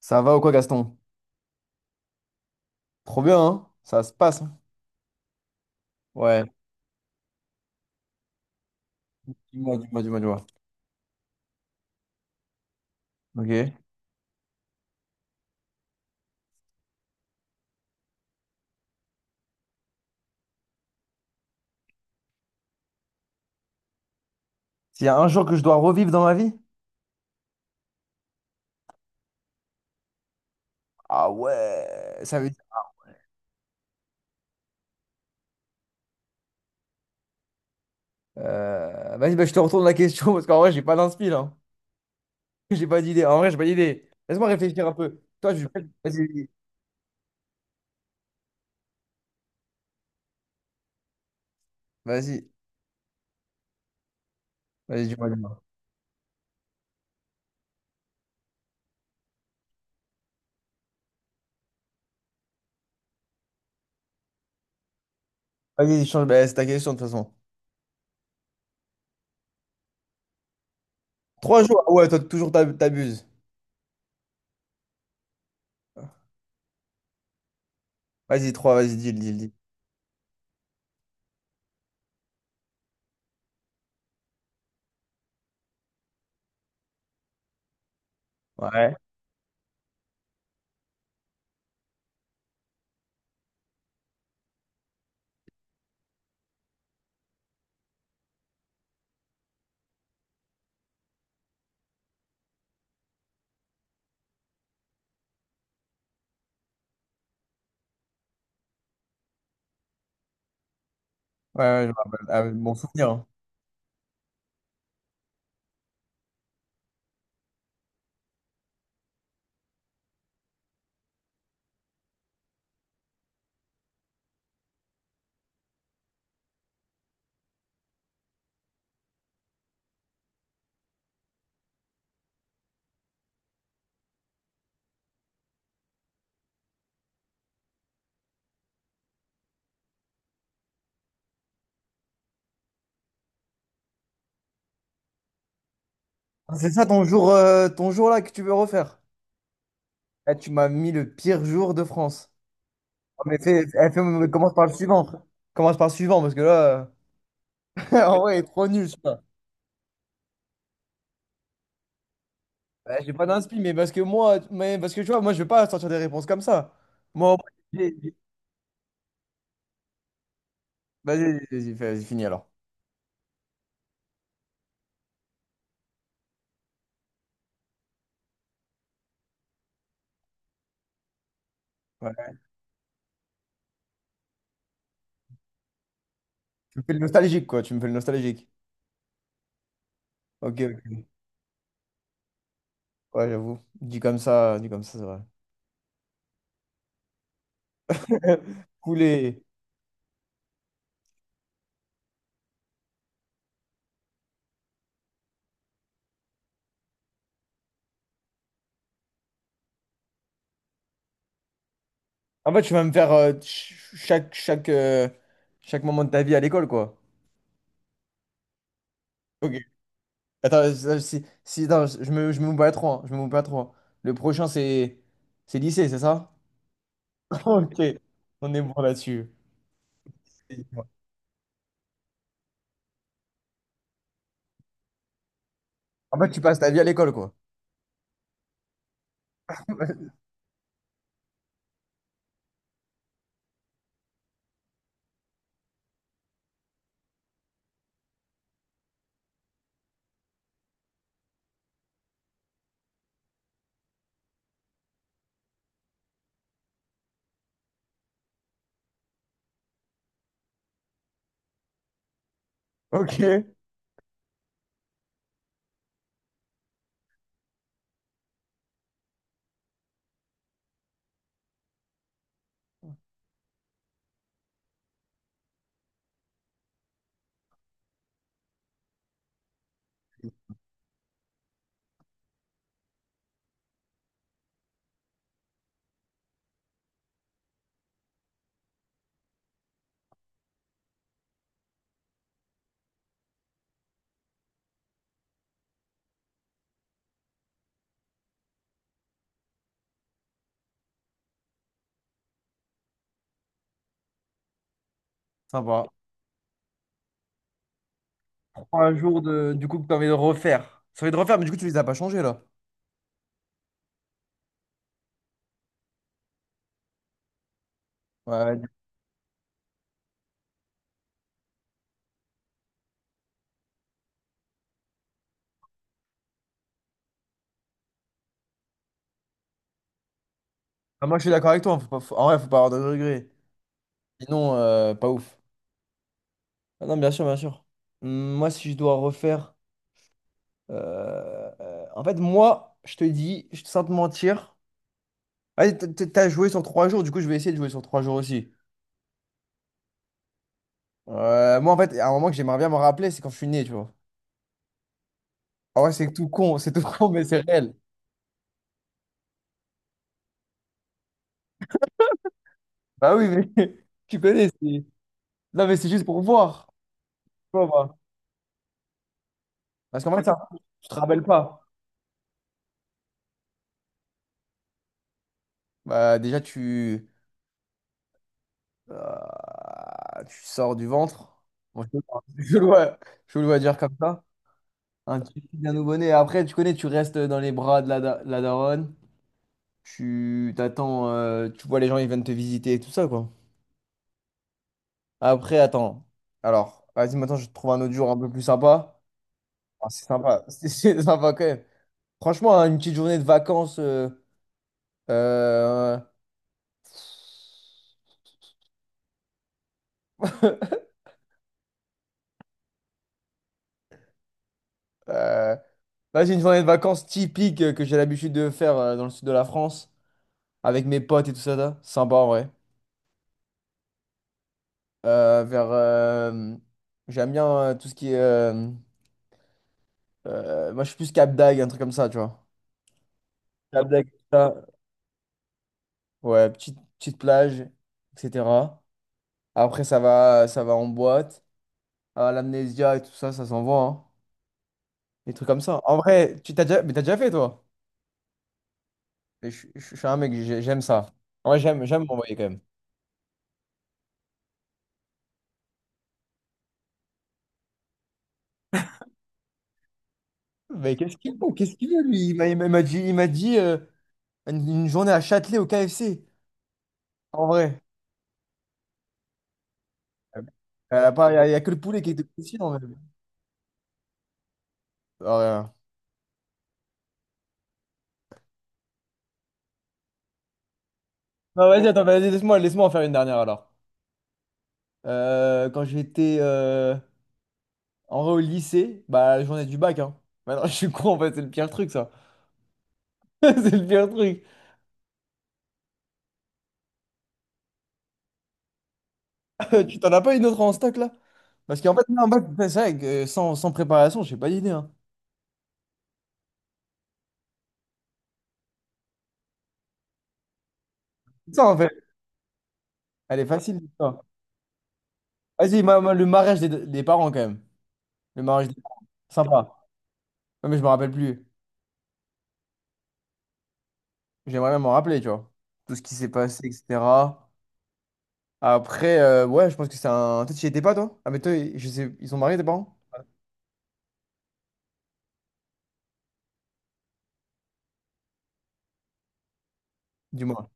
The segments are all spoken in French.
Ça va ou quoi, Gaston? Trop bien, hein? Ça se passe, hein. Ouais. Dis-moi, dis-moi, dis-moi, dis-moi. Ok. S'il y a un jour que je dois revivre dans ma vie? Ah ouais, ça veut dire. Vas-y, bah, je te retourne la question parce qu'en vrai, j'ai pas d'inspi là. J'ai pas d'idée. En vrai, j'ai pas d'idée. Laisse-moi réfléchir un peu. Toi, je. Vas-y, vas-y. Vas-y, dis-moi, dis-moi. Vas-y, change. Bah, c'est ta question de toute façon. Trois jours. Ah ouais, toi, toujours t'abuses. Vas-y, trois, vas-y, dis-le, dis-le, dis. Ouais. Ouais, ouais, je me rappelle. Ah, bon souvenir, hein. Ah, c'est ça ton jour là que tu veux refaire? Eh, tu m'as mis le pire jour de France. Ah, mais fais, eh, mais commence par le suivant, frère. Commence par le suivant parce que là, en vrai, il est trop nul, je j'ai pas d'inspi, mais parce que moi, mais parce que tu vois, moi, je vais pas sortir des réponses comme ça. Moi, au moins, j'ai- j'ai- vas-y, vas-y, vas finis alors. Ouais. Tu me fais le nostalgique, quoi. Tu me fais le nostalgique. Ok, ok. Ouais, j'avoue. Dit comme ça, c'est vrai. Couler. En fait, tu vas me faire chaque, chaque, chaque moment de ta vie à l'école, quoi. Ok. Attends, si, non, je me mouille pas trop, hein, je me mouille pas trop, hein. Le prochain, c'est lycée, c'est ça? Ok, on est bon là-dessus. En fait, tu passes ta vie à l'école, quoi. Ok, sympa. Trois jours de, du coup, que t'as envie de refaire. Ça envie de refaire, mais du coup, tu les as pas changés, là. Ouais, du- Ah, moi, je suis d'accord avec toi, hein. Faut pas, en vrai, faut pas avoir de regrets. Sinon, pas ouf. Ah non, bien sûr, bien sûr. Moi, si je dois refaire. En fait, moi, je te dis, je- sans te mentir. Ouais, t'as joué sur trois jours, du coup je vais essayer de jouer sur trois jours aussi. Moi en fait, à un moment que j'aimerais bien me rappeler, c'est quand je suis né, tu vois. Ah ouais, c'est tout con, c'est tout con, mais c'est réel. Bah oui, mais tu connais, c'est... Non mais c'est juste pour voir. Tu vois, bah. Parce qu'en fait, ça, tu te rappelles pas. Bah déjà, tu... tu sors du ventre. Moi, je, je le vois, je le vois dire comme ça. Un petit fils d'un nouveau-né. Après, tu connais, tu restes dans les bras de la daronne. Tu t'attends, tu vois les gens, ils viennent te visiter et tout ça, quoi. Après, attends. Alors, vas-y, maintenant, je te trouve un autre jour un peu plus sympa. Ah, c'est sympa. C'est sympa quand même. Franchement, hein, une petite journée de vacances. Euh, euh, vas-y, une journée de vacances typique que j'ai l'habitude de faire dans le sud de la France avec mes potes et tout ça, là. Sympa en vrai. Euh, vers, euh, J'aime bien tout ce qui est. Moi, je suis plus Cap d'Agde, un truc comme ça, tu vois. Cap d'Agde, tout ça. Ouais, petite, petite plage, etc. Après, ça va en boîte. Ah, l'amnésia et tout ça, ça s'envoie, hein. Des trucs comme ça. En vrai, tu t'as déjà... Mais t'as déjà fait, toi? Mais je suis un mec, j'aime ça. En vrai j'aime, j'aime m'envoyer quand même. Mais qu'est-ce qu'il veut? Qu'est-ce qu'il veut, lui? Il m'a il m'a- il m'a dit une journée à Châtelet au KFC. En vrai. Il n'y a, y a que le poulet qui est aussi non, mais... Ah, rien. Non, vas-y, attends, vas-y, laisse-moi, laisse-moi en faire une dernière alors. Quand j'étais en vrai au lycée, bah la journée du bac, hein. Maintenant, je suis con, en fait, c'est le pire truc, ça. C'est le pire truc. Tu t'en as pas une autre en stock là? Parce qu'en fait, non, en fait c'est vrai que sans, sans préparation, j'ai pas d'idée, hein. C'est ça, en fait, elle est facile, l'histoire. Vas-y, le mariage des parents, quand même. Le mariage des parents. Sympa. Ouais, mais je me rappelle plus. J'aimerais même m'en rappeler, tu vois. Tout ce qui s'est passé, etc. Après, ouais, je pense que c'est un. Toi, tu y étais pas, toi? Ah, mais toi, je sais, ils sont mariés, tes parents? Dis-moi.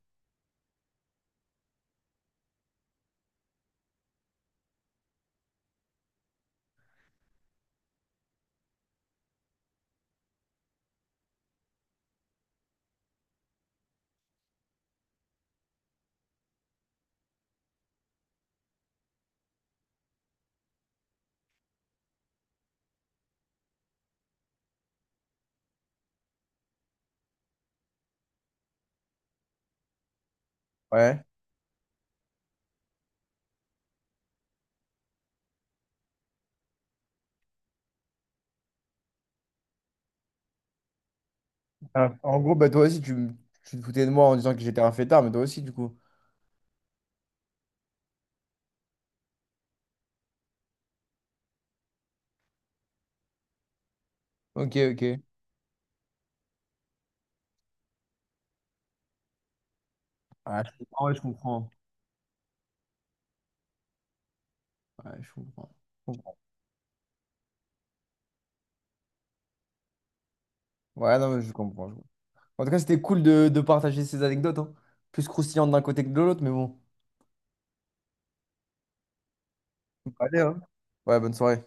Ouais. Ah, en gros, bah, toi aussi, tu te foutais de moi en disant que j'étais un fêtard, mais toi aussi, du coup. Ok, ok. Ah, je comprends, ouais, je comprends. Ouais, je comprends. Je comprends. Ouais, non, mais je comprends, je comprends. En tout cas, c'était cool de partager ces anecdotes, hein. Plus croustillantes d'un côté que de l'autre, mais bon. Allez, hein. Ouais, bonne soirée.